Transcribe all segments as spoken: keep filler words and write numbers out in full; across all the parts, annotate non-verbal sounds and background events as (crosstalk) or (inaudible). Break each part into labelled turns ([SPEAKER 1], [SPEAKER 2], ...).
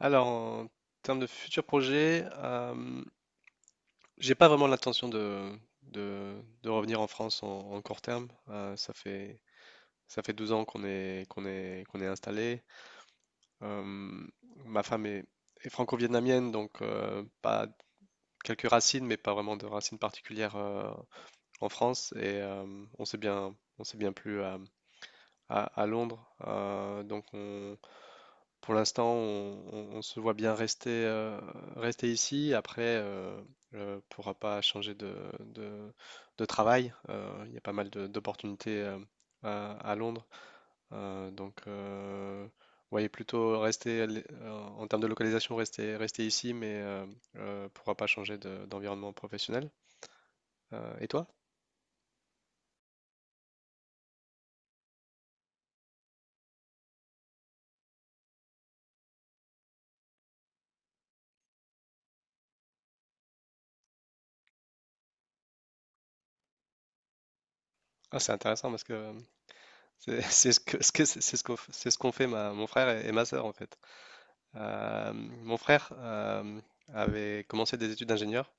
[SPEAKER 1] Alors, en termes de futurs projets, euh, j'ai pas vraiment l'intention de, de, de revenir en France en, en court terme. Euh, ça fait, ça fait douze ans qu'on est, qu'on est, qu'on est installé. Euh, Ma femme est, est franco-vietnamienne, donc euh, pas quelques racines, mais pas vraiment de racines particulières euh, en France. Et euh, on s'est bien, on s'est bien plu à, à Londres. Euh, donc on- pour l'instant, on, on- on se voit bien rester, euh, rester ici. Après, euh, ne pourra pas changer de, de- de travail. Euh, il y a pas mal de- d'opportunités euh, à, à Londres. Euh, donc, euh, voyez plutôt rester l- euh, en termes de localisation, rester, rester ici, mais euh, euh, pourra pas changer de- d'environnement professionnel. Euh, et toi? Ah, c'est intéressant parce que C'est (laughs) c'est ce que ce que- c'est ce qu'on c'est ce qu'ont fait ma, mon frère et, et ma sœur en fait. Euh, mon frère euh, avait commencé des études d'ingénieur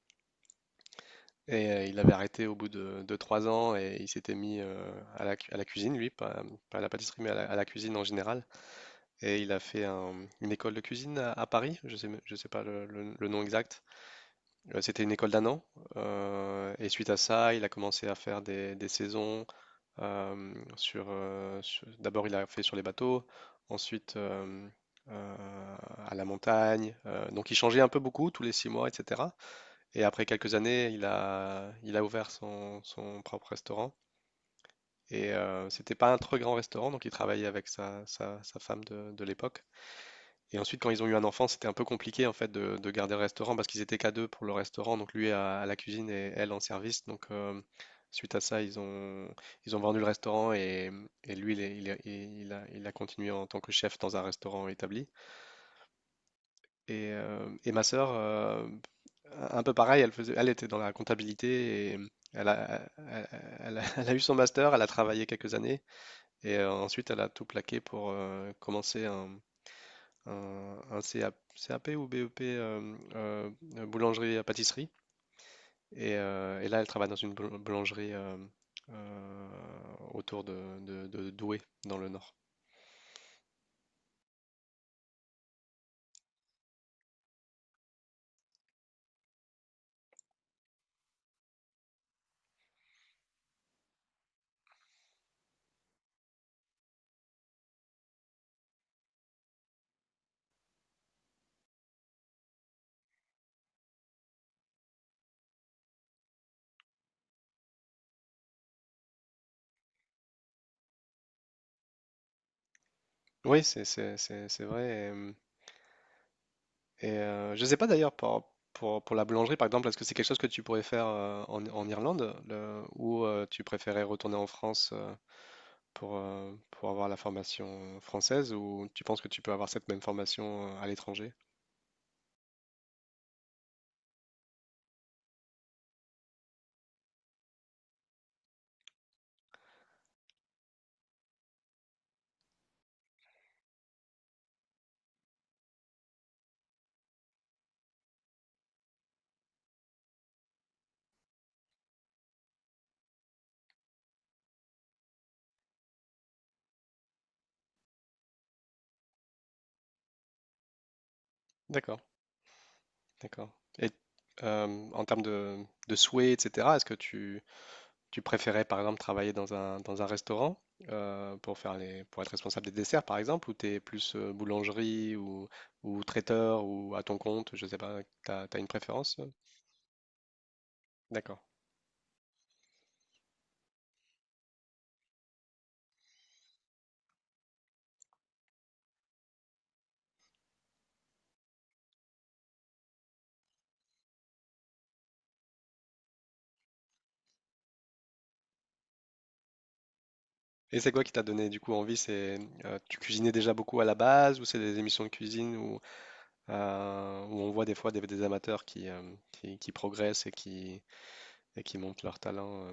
[SPEAKER 1] et euh, il avait arrêté au bout de, de trois ans et il s'était mis euh, à la, cu- à la cuisine lui, pas, pas à la pâtisserie mais à la, à la cuisine en général. Et il a fait un- une école de cuisine à, à Paris, je sais, me- je sais pas le, le- le nom exact. Euh, C'était une école d'un an euh, et suite à ça il a commencé à faire des, des saisons euh, sur, euh, sur- d'abord, il a fait sur les bateaux, ensuite euh, euh, à la montagne. Euh, donc, il changeait un peu beaucoup tous les six mois, et cetera. Et après quelques années, il a, il a ouvert son, son propre restaurant. Et euh, c'était pas un très grand restaurant, donc il travaillait avec sa, sa- sa femme de, de l'époque. Et ensuite, quand ils ont eu un enfant, c'était un peu compliqué en fait de, de garder le restaurant parce qu'ils étaient qu'à deux pour le restaurant, donc lui à, à la cuisine et elle en service. Donc euh, suite à ça, ils ont ils ont vendu le restaurant et, et lui il, est- il est- il a, il a continué en tant que chef dans un restaurant établi. Et, euh, et ma sœur, euh, un peu pareil, elle faisait, elle était dans la comptabilité et elle a, elle, elle a, (laughs) elle a eu son master, elle a travaillé quelques années et euh, ensuite elle a tout plaqué pour euh, commencer un un, un C A C A P ou B E P euh, euh, euh, boulangerie à pâtisserie. Et, euh, et là, elle travaille dans une boul- boulangerie euh, euh, autour de, de- de Douai, dans le nord. Oui, c'est c'est- c'est- c'est vrai. Et, et, euh, je ne sais pas d'ailleurs pour, pour, pour la boulangerie, par exemple, est-ce que c'est quelque chose que tu pourrais faire euh, en, en Irlande le- ou euh, tu préférais retourner en France euh, pour, euh, pour avoir la formation française ou tu penses que tu peux avoir cette même formation euh, à l'étranger? D'accord. D'accord. Et euh, en termes de, de souhaits, et cetera, est-ce que tu, tu préférais, par exemple, travailler dans un, dans un restaurant euh, pour faire les, pour être responsable des desserts, par exemple, ou t'es plus euh, boulangerie ou, ou traiteur ou à ton compte, je sais pas, t'as, t'as une préférence? euh D'accord. Et c'est quoi qui t'a donné du coup envie? C'est euh, Tu cuisinais déjà beaucoup à la base ou c'est des émissions de cuisine où, euh, où on voit des fois des, des amateurs qui, euh, qui, qui progressent et qui, et qui montrent leur talent? euh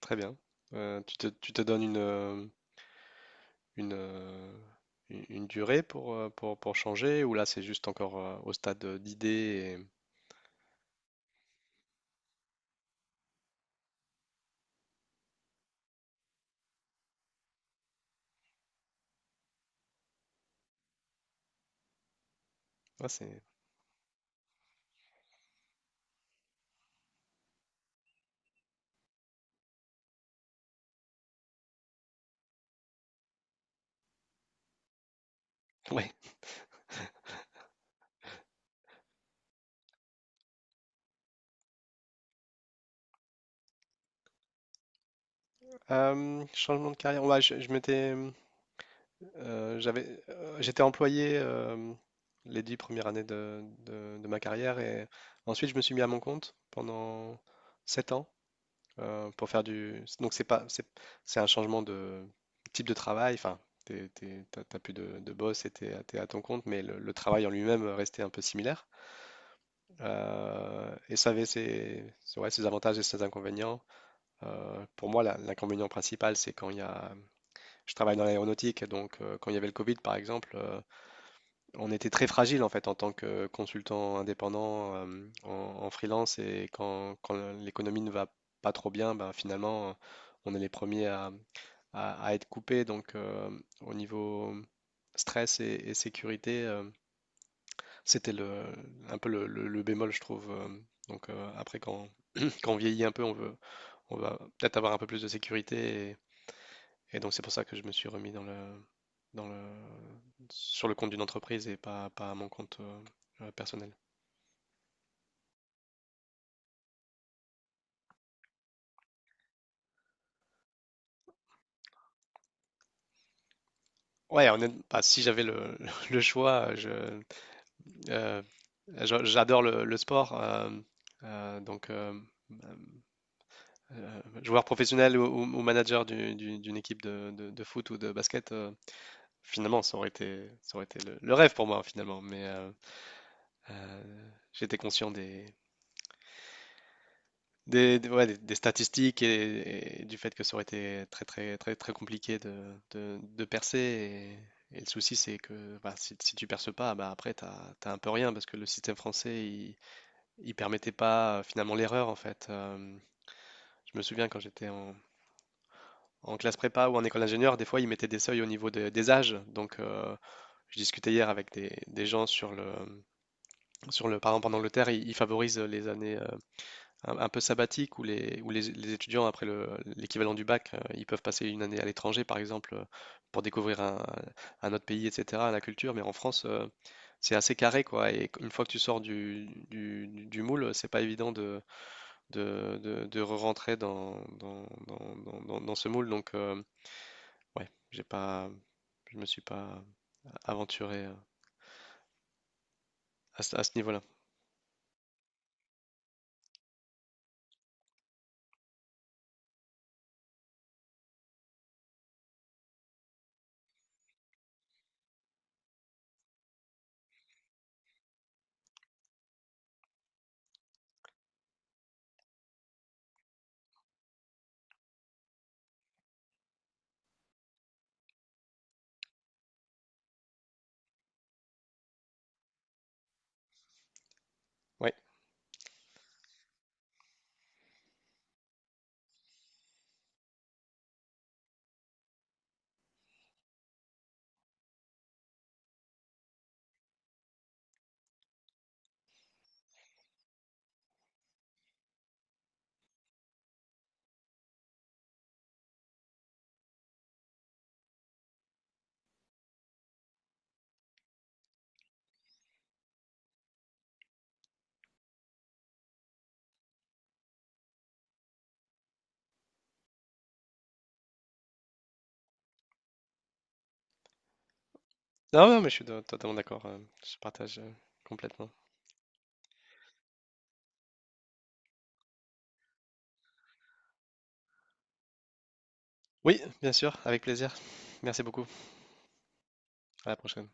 [SPEAKER 1] Très bien. Euh, tu te, tu te donnes une, euh, une, euh, une- une durée pour, euh, pour, pour changer ou là c'est juste encore euh, au stade euh, d'idée et... ouais, c'est... Ouais. Euh, changement de carrière. Ouais, je, je m'étais, euh, j'avais, euh, j'étais employé euh, les dix premières années de, de- de ma carrière et ensuite je me suis mis à mon compte pendant sept ans. Euh, pour faire du. Donc c'est pas, c'est, c'est un changement de type de travail. Enfin, t'es, t'es- t'as, t'as plus de, de boss et t'es, à- t'es à ton compte, mais le, le travail en lui-même restait un peu similaire. Euh, et ça avait ses, ses- ouais, ses avantages et ses inconvénients. Euh, pour moi, la- l'inconvénient principal, c'est quand il y a. Je travaille dans l'aéronautique, donc euh, quand il y avait le Covid, par exemple. Euh, on était très fragile en fait en tant que consultant indépendant euh, en, en freelance et quand, quand l'économie ne va pas trop bien, ben, finalement on est les premiers à, à, à être coupés. Donc euh, au niveau stress et, et sécurité, euh, c'était le, un peu le, le- le bémol je trouve. euh, Donc euh, après quand, (clears throat) quand on vieillit un peu, on veut, on va peut-être avoir un peu plus de sécurité et donc c'est pour ça que je me suis remis dans le, dans le, sur le compte d'une entreprise et pas, pas à mon compte euh, euh, personnel. Ouais, honnête- bah, si j'avais le, (laughs) le choix, je, euh, je- j'adore le, le sport. Euh, euh, donc, euh, euh, joueur professionnel ou, ou- ou manager du- du- d'une équipe de, de- de foot ou de basket, euh, finalement, ça aurait été, ça aurait été le, le rêve pour moi, finalement. Mais euh, euh, j'étais conscient des, Des, des- ouais, des, des statistiques et, et du fait que ça aurait été très très très très compliqué de, de- de percer. Et, et le souci, c'est que bah, si, si tu perces pas, bah, après, t'as, t'as un peu rien parce que le système français, il, il permettait pas euh, finalement l'erreur en fait. Euh, je me souviens quand j'étais en, en classe prépa ou en école d'ingénieur, des fois, ils mettaient des seuils au niveau de- des âges. Donc, euh, je discutais hier avec des, des gens sur le, sur le, par exemple, en Angleterre, ils, ils favorisent les années euh, un, un peu sabbatique où les, où les, les étudiants, après le- l'équivalent du bac, euh, ils peuvent passer une année à l'étranger, par exemple, euh, pour découvrir un, un autre pays, et cetera, la culture. Mais en France, euh, c'est assez carré, quoi. Et une fois que tu sors du, du, du- du moule, c'est pas évident de, de, de, de re-rentrer dans, dans, dans, dans, dans- dans ce moule. Donc, euh, ouais, j'ai pas, je me suis pas aventuré euh, à, ce à ce niveau-là. Ouais. Non, non, mais je suis de- totalement d'accord. euh, Je partage euh, complètement. Oui, bien sûr, avec plaisir. Merci beaucoup. À la prochaine.